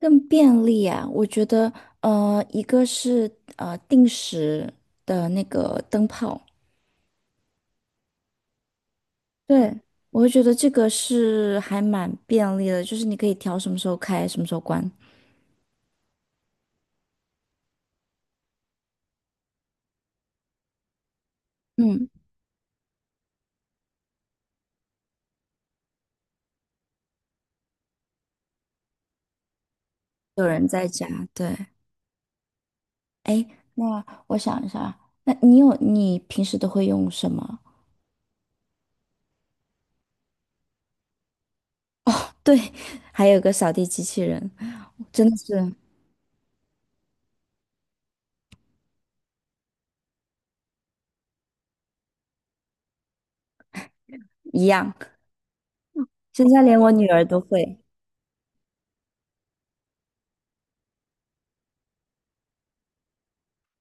更便利啊，我觉得，一个是定时的那个灯泡。对，我会觉得这个是还蛮便利的，就是你可以调什么时候开，什么时候关。嗯，有人在家，对。哎，那我想一下啊，那你平时都会用什么？哦，对，还有个扫地机器人，真的是一样，现在连我女儿都会。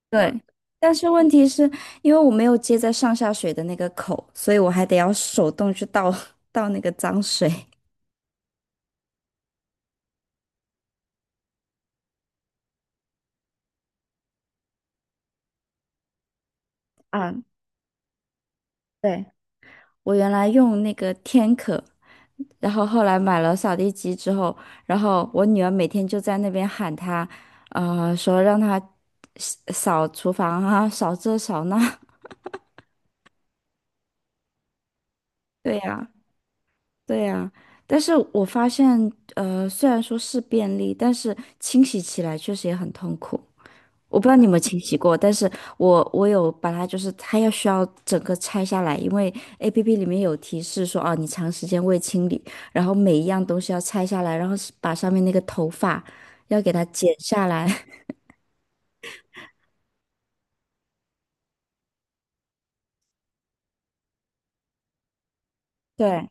对，但是问题是因为我没有接在上下水的那个口，所以我还得要手动去倒 倒那个脏水。嗯，对，我原来用那个天可，然后后来买了扫地机之后，然后我女儿每天就在那边喊她，说让她扫厨房啊，扫这扫那。对呀，对呀。但是我发现，虽然说是便利，但是清洗起来确实也很痛苦。我不知道你有没有清洗过，但是我有把它，就是它要需要整个拆下来，因为 APP 里面有提示说，哦，你长时间未清理，然后每一样东西要拆下来，然后是把上面那个头发要给它剪下来。对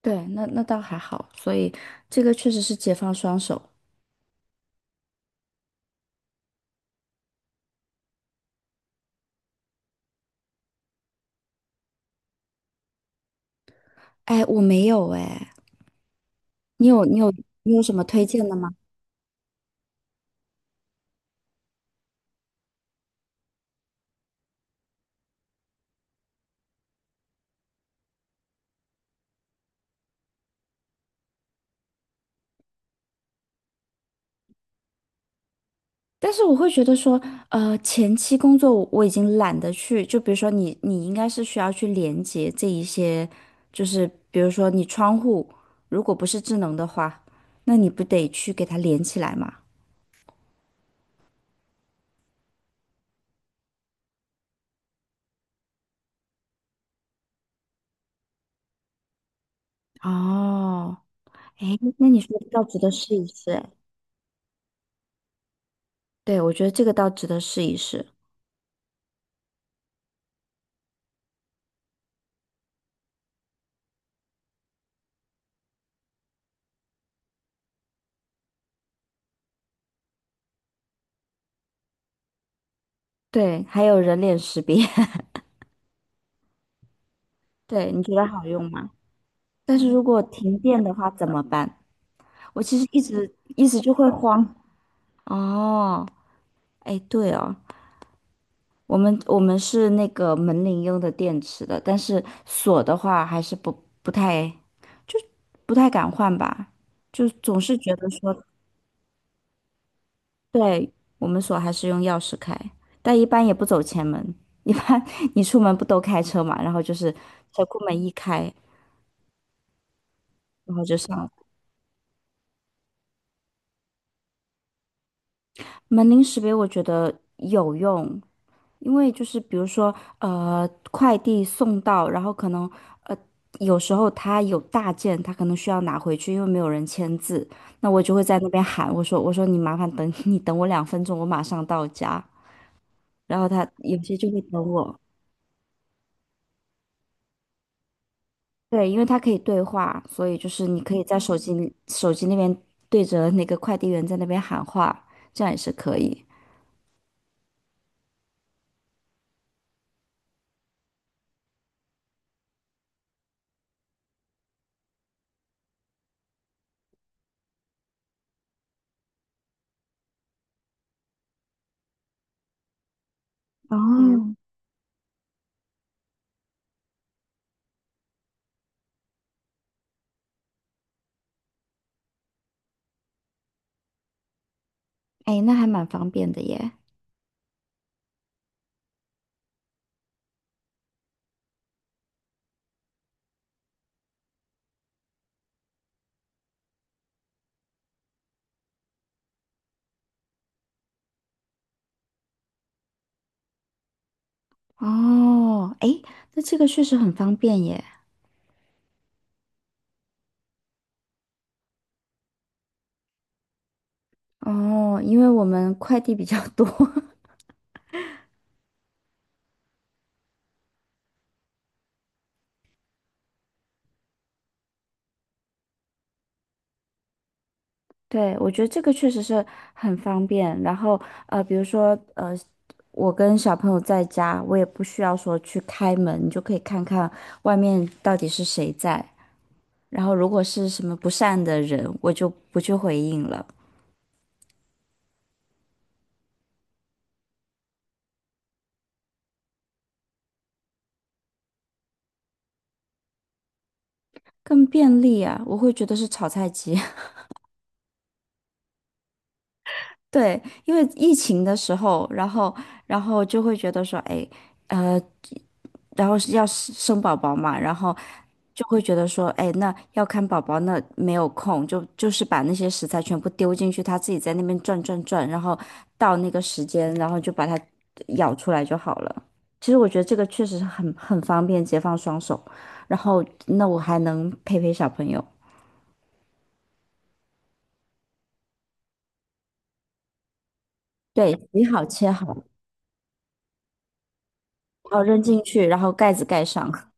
对，那那倒还好，所以这个确实是解放双手。哎，我没有哎，你有你有你有什么推荐的吗？但是我会觉得说，前期工作我已经懒得去，就比如说你，你应该是需要去连接这一些，就是比如说你窗户如果不是智能的话，那你不得去给它连起来嘛？哦，哎，那你说的倒值得试一试，哎，对，我觉得这个倒值得试一试。对，还有人脸识别。对，你觉得好用吗？但是如果停电的话怎么办？我其实一直就会慌。哦，哎，对哦。我们是那个门铃用的电池的，但是锁的话还是不太，就不太敢换吧，就总是觉得说，对，我们锁还是用钥匙开，但一般也不走前门，一般 你出门不都开车嘛，然后就是车库门一开，然后就上了。门铃识别我觉得有用，因为就是比如说，快递送到，然后可能，呃，有时候他有大件，他可能需要拿回去，因为没有人签字，那我就会在那边喊，我说你麻烦等，你等我2分钟，我马上到家。然后他有些就会等我，对，因为他可以对话，所以就是你可以在手机里手机那边对着那个快递员在那边喊话，这样也是可以。哦，嗯，哎，那还蛮方便的耶。哦，哎，那这个确实很方便耶。哦，因为我们快递比较多。对，我觉得这个确实是很方便。然后，比如说，我跟小朋友在家，我也不需要说去开门，你就可以看看外面到底是谁在。然后，如果是什么不善的人，我就不去回应了。更便利啊。我会觉得是炒菜机。对，因为疫情的时候，然后，然后就会觉得说，哎。呃然后是要生宝宝嘛，然后就会觉得说，哎，那要看宝宝，那没有空，就是把那些食材全部丢进去，他自己在那边转转转，然后到那个时间，然后就把它舀出来就好了。其实我觉得这个确实是很方便，解放双手，然后那我还能陪陪小朋友。对，洗好切好，然后扔进去，然后盖子盖上。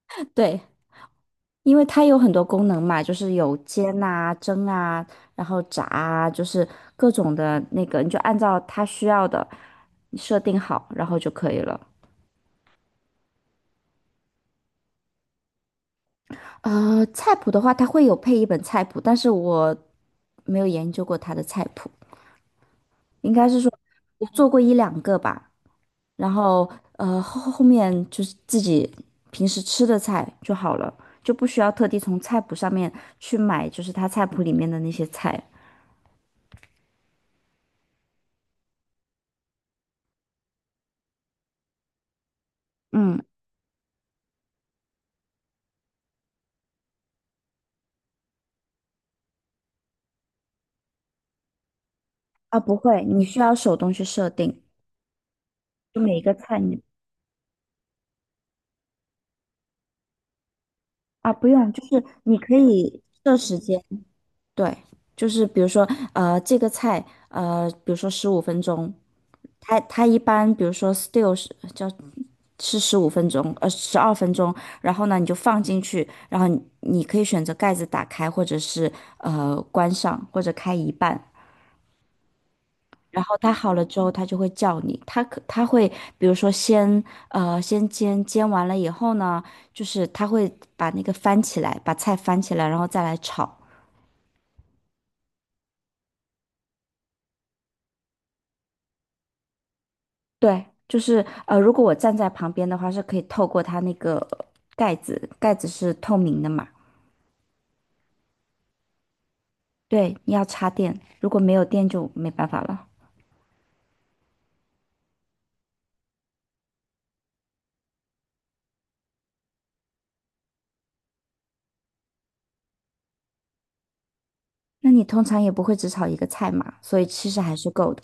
对，因为它有很多功能嘛，就是有煎啊、蒸啊，然后炸啊，就是各种的那个，你就按照它需要的设定好，然后就可以了。菜谱的话，它会有配一本菜谱，但是我没有研究过它的菜谱，应该是说我做过一两个吧，然后后面就是自己平时吃的菜就好了，就不需要特地从菜谱上面去买，就是它菜谱里面的那些菜。嗯。啊，不会，你需要手动去设定，就每一个菜你啊不用，就是你可以设时间。对，就是比如说这个菜比如说十五分钟，它一般比如说 STEL 是叫是15分钟12分钟，然后呢你就放进去，然后你可以选择盖子打开或者是关上或者开一半，然后它好了之后，它就会叫你。它会，比如说先煎，煎完了以后呢，就是它会把那个翻起来，把菜翻起来，然后再来炒。对，就是如果我站在旁边的话，是可以透过它那个盖子是透明的嘛。对，你要插电，如果没有电就没办法了。那你通常也不会只炒一个菜嘛，所以其实还是够的。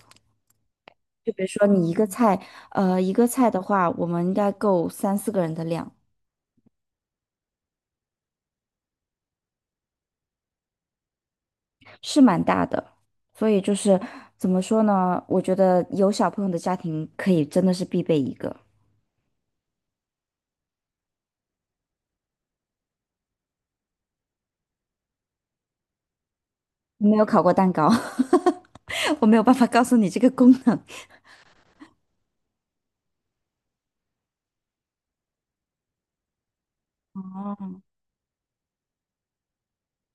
就比如说你一个菜，呃，一个菜的话，我们应该够3、4个人的量。是蛮大的，所以就是怎么说呢？我觉得有小朋友的家庭可以真的是必备一个。我没有烤过蛋糕。我没有办法告诉你这个功能。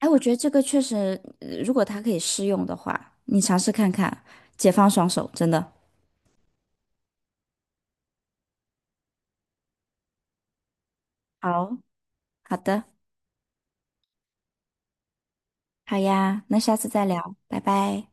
哎，我觉得这个确实，如果它可以试用的话，你尝试看看，解放双手，真的。好，好的，好呀，那下次再聊，拜拜。